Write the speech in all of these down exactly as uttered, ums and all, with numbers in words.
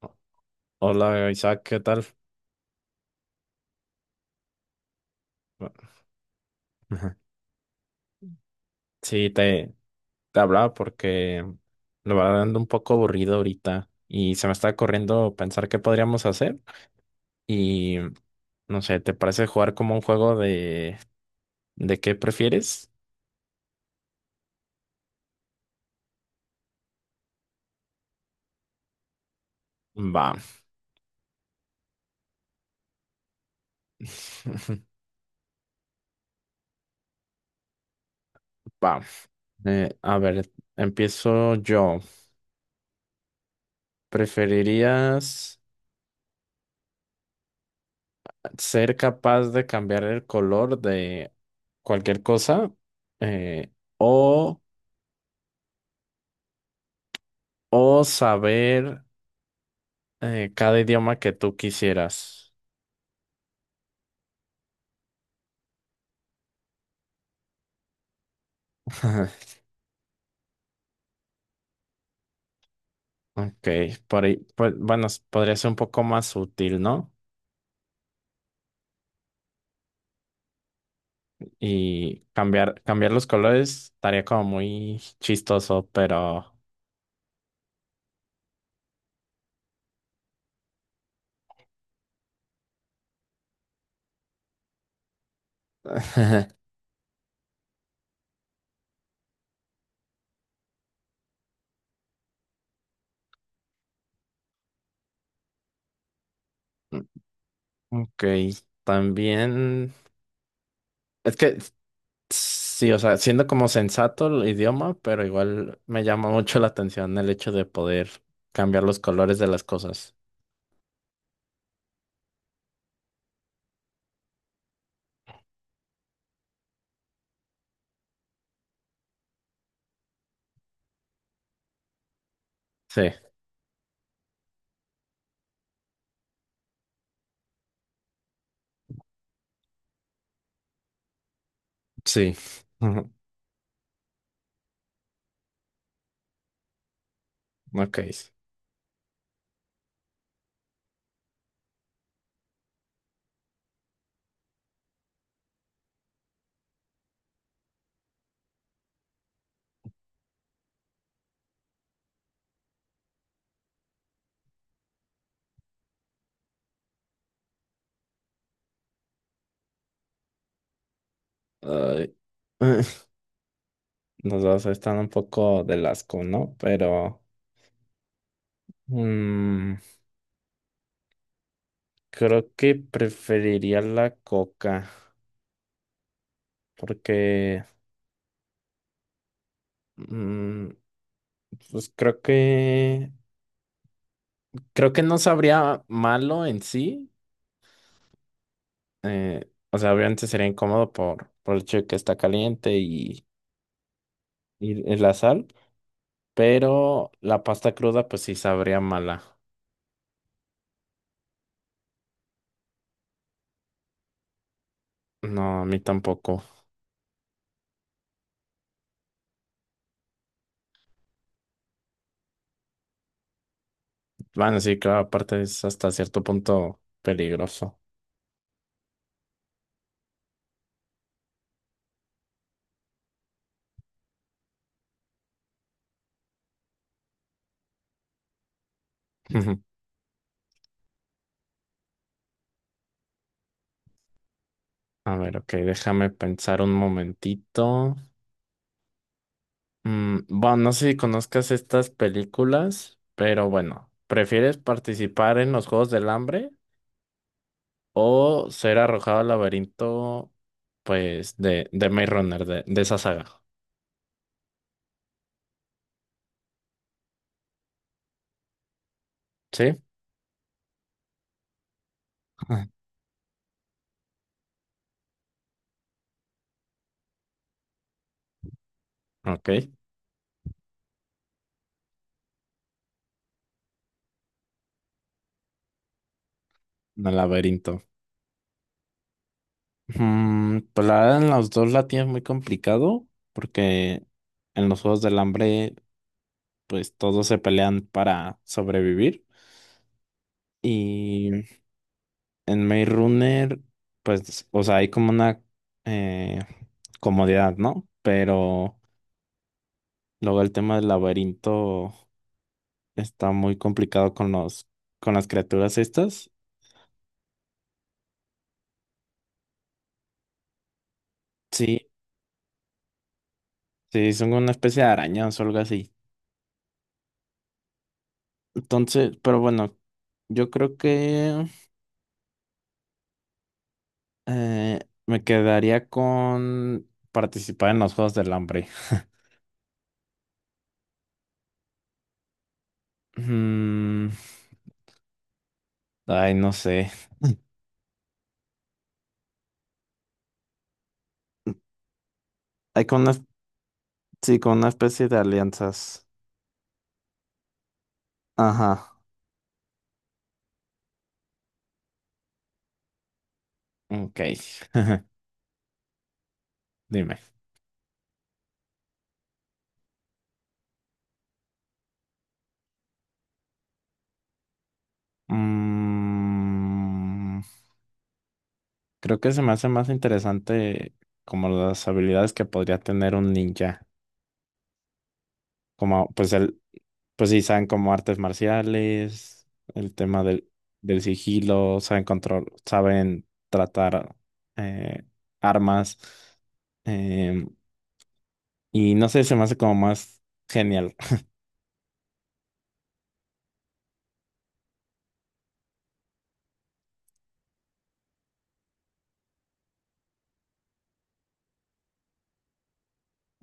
O- Hola, Isaac, ¿qué tal? Bu- Ajá. Sí, te, te hablaba porque lo va dando un poco aburrido ahorita y se me está corriendo pensar qué podríamos hacer y no sé, ¿te parece jugar como un juego de, de qué prefieres? Va, va. Eh, a ver, empiezo yo. ¿Preferirías ser capaz de cambiar el color de cualquier cosa eh, o, o saber Eh, cada idioma que tú quisieras? Ok, por ahí, pues, bueno, s- podría ser un poco más sutil, ¿no? Y cambiar, cambiar los colores estaría como muy chistoso, pero... Ok, también... Es que sí, o sea, siendo como sensato el idioma, pero igual me llama mucho la atención el hecho de poder cambiar los colores de las cosas. Sí, sí. Ujú. Ok. Ay, nos vas a estar un poco del asco, ¿no? Pero mm, creo que preferiría la coca porque mm, pues creo que creo que no sabría malo en sí. Eh, o sea, obviamente sería incómodo por, por el hecho de que está caliente y, y la sal, pero la pasta cruda pues sí sabría mala. No, a mí tampoco. Bueno, sí, claro, aparte es hasta cierto punto peligroso. A ver, ok, déjame pensar un momentito. Mm, bueno, no sé si conozcas estas películas, pero bueno, ¿prefieres participar en los Juegos del Hambre o ser arrojado al laberinto, pues, de, de Maze Runner, de, de esa saga? ¿Sí? Ok, el laberinto. Mm, pues la verdad, en los dos la tienes muy complicado, porque en los Juegos del Hambre, pues, todos se pelean para sobrevivir. Y en Maze Runner, pues, o sea, hay como una eh, comodidad, ¿no? Pero luego el tema del laberinto está muy complicado con los, con las criaturas estas. Sí, sí, son una especie de arañas o algo así. Entonces, pero bueno, yo creo que eh, me quedaría con participar en los Juegos del Hambre. Mm, ay, no sé. Hay con una, sí, con una especie de alianzas. Ajá. Ok, dime. Mm, creo que se me hace más interesante como las habilidades que podría tener un ninja. Como, pues el, pues sí, saben como artes marciales, el tema del, del sigilo, saben control, saben tratar eh, armas. em, y no sé, se me hace como más genial.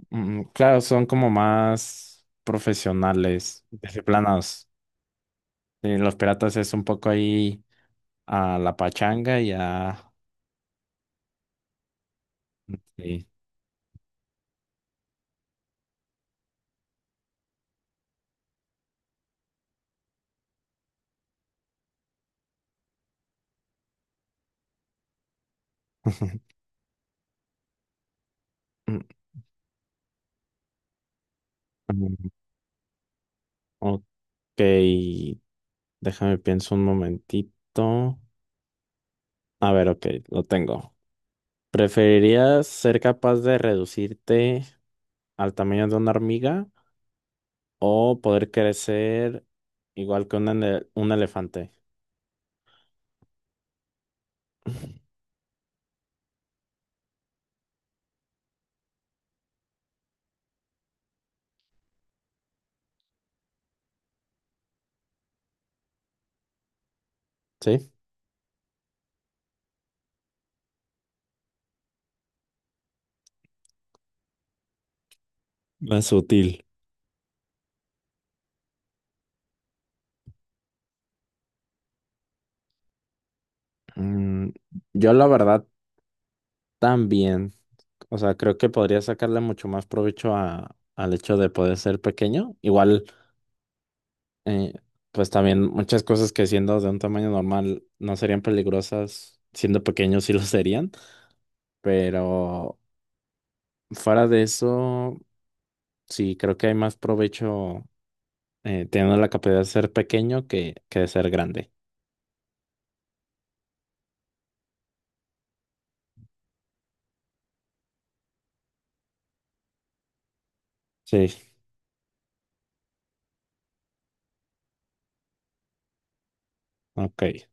Mm, claro, son como más profesionales, disciplinados. Sí, los piratas es un poco ahí a la pachanga y a... Sí. Mm, mm, ok, déjame pienso un momentito. A ver, ok, lo tengo. ¿Preferirías ser capaz de reducirte al tamaño de una hormiga o poder crecer igual que un, ele- un elefante? Sí, más útil. Mm, yo la verdad también, o sea, creo que podría sacarle mucho más provecho a, al hecho de poder ser pequeño. Igual, eh, pues también muchas cosas que siendo de un tamaño normal no serían peligrosas, siendo pequeños sí lo serían, pero fuera de eso, sí, creo que hay más provecho eh, teniendo la capacidad de ser pequeño que, que de ser grande. Sí, ok.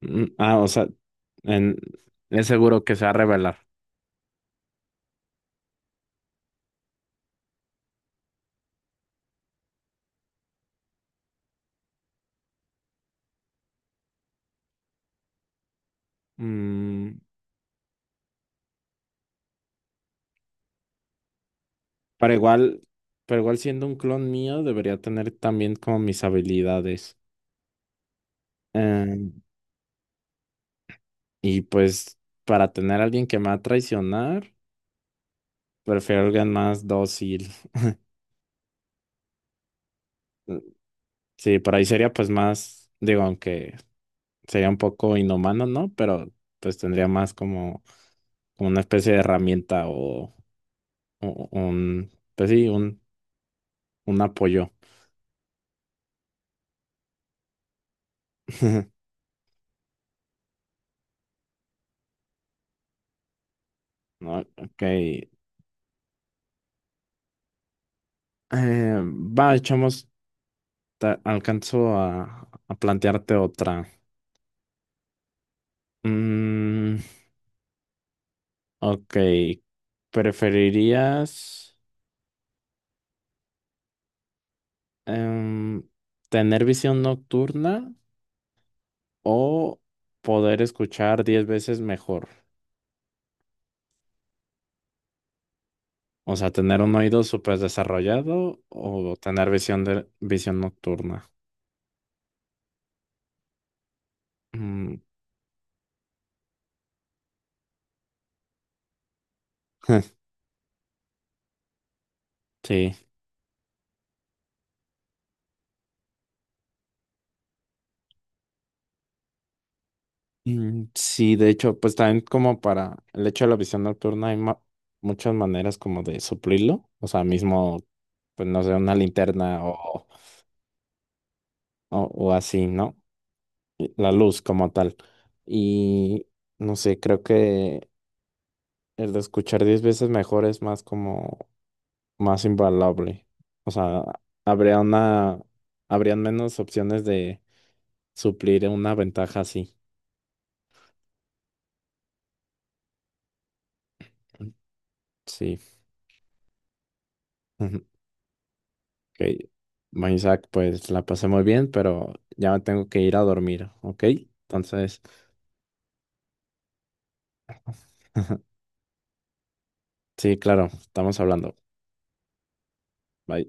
Mm, ah, o sea, en- es seguro que se va a revelar. Mm, Pero igual, pero igual siendo un clon mío, debería tener también como mis habilidades. Em, y pues para tener a alguien que me va a traicionar, prefiero alguien más dócil. Mm, sí, por ahí sería pues más, digo, aunque sería un poco inhumano, ¿no? Pero pues tendría más como, como una especie de herramienta o, o- un, pues sí, un, un apoyo. No, ok. Eh, va, echamos. Ta- alcanzo a, a plantearte otra. Mm, ok, ¿preferirías em, tener visión nocturna o poder escuchar diez veces mejor? O sea, tener un oído súper desarrollado o tener visión de visión nocturna. Mm, sí. Mm, sí, de hecho, pues también como para el hecho de la visión nocturna hay ma- muchas maneras como de suplirlo, o sea, mismo, pues no sé, una linterna o, o, o así, ¿no? Y la luz como tal. Y no sé, creo que el de escuchar diez veces mejor es más como más invaluable. O sea, habría una, habrían menos opciones de suplir una ventaja así. Sí. Ok, bueno, Isaac, pues la pasé muy bien, pero ya me tengo que ir a dormir, ¿ok? Entonces, sí, claro, estamos hablando. Bye.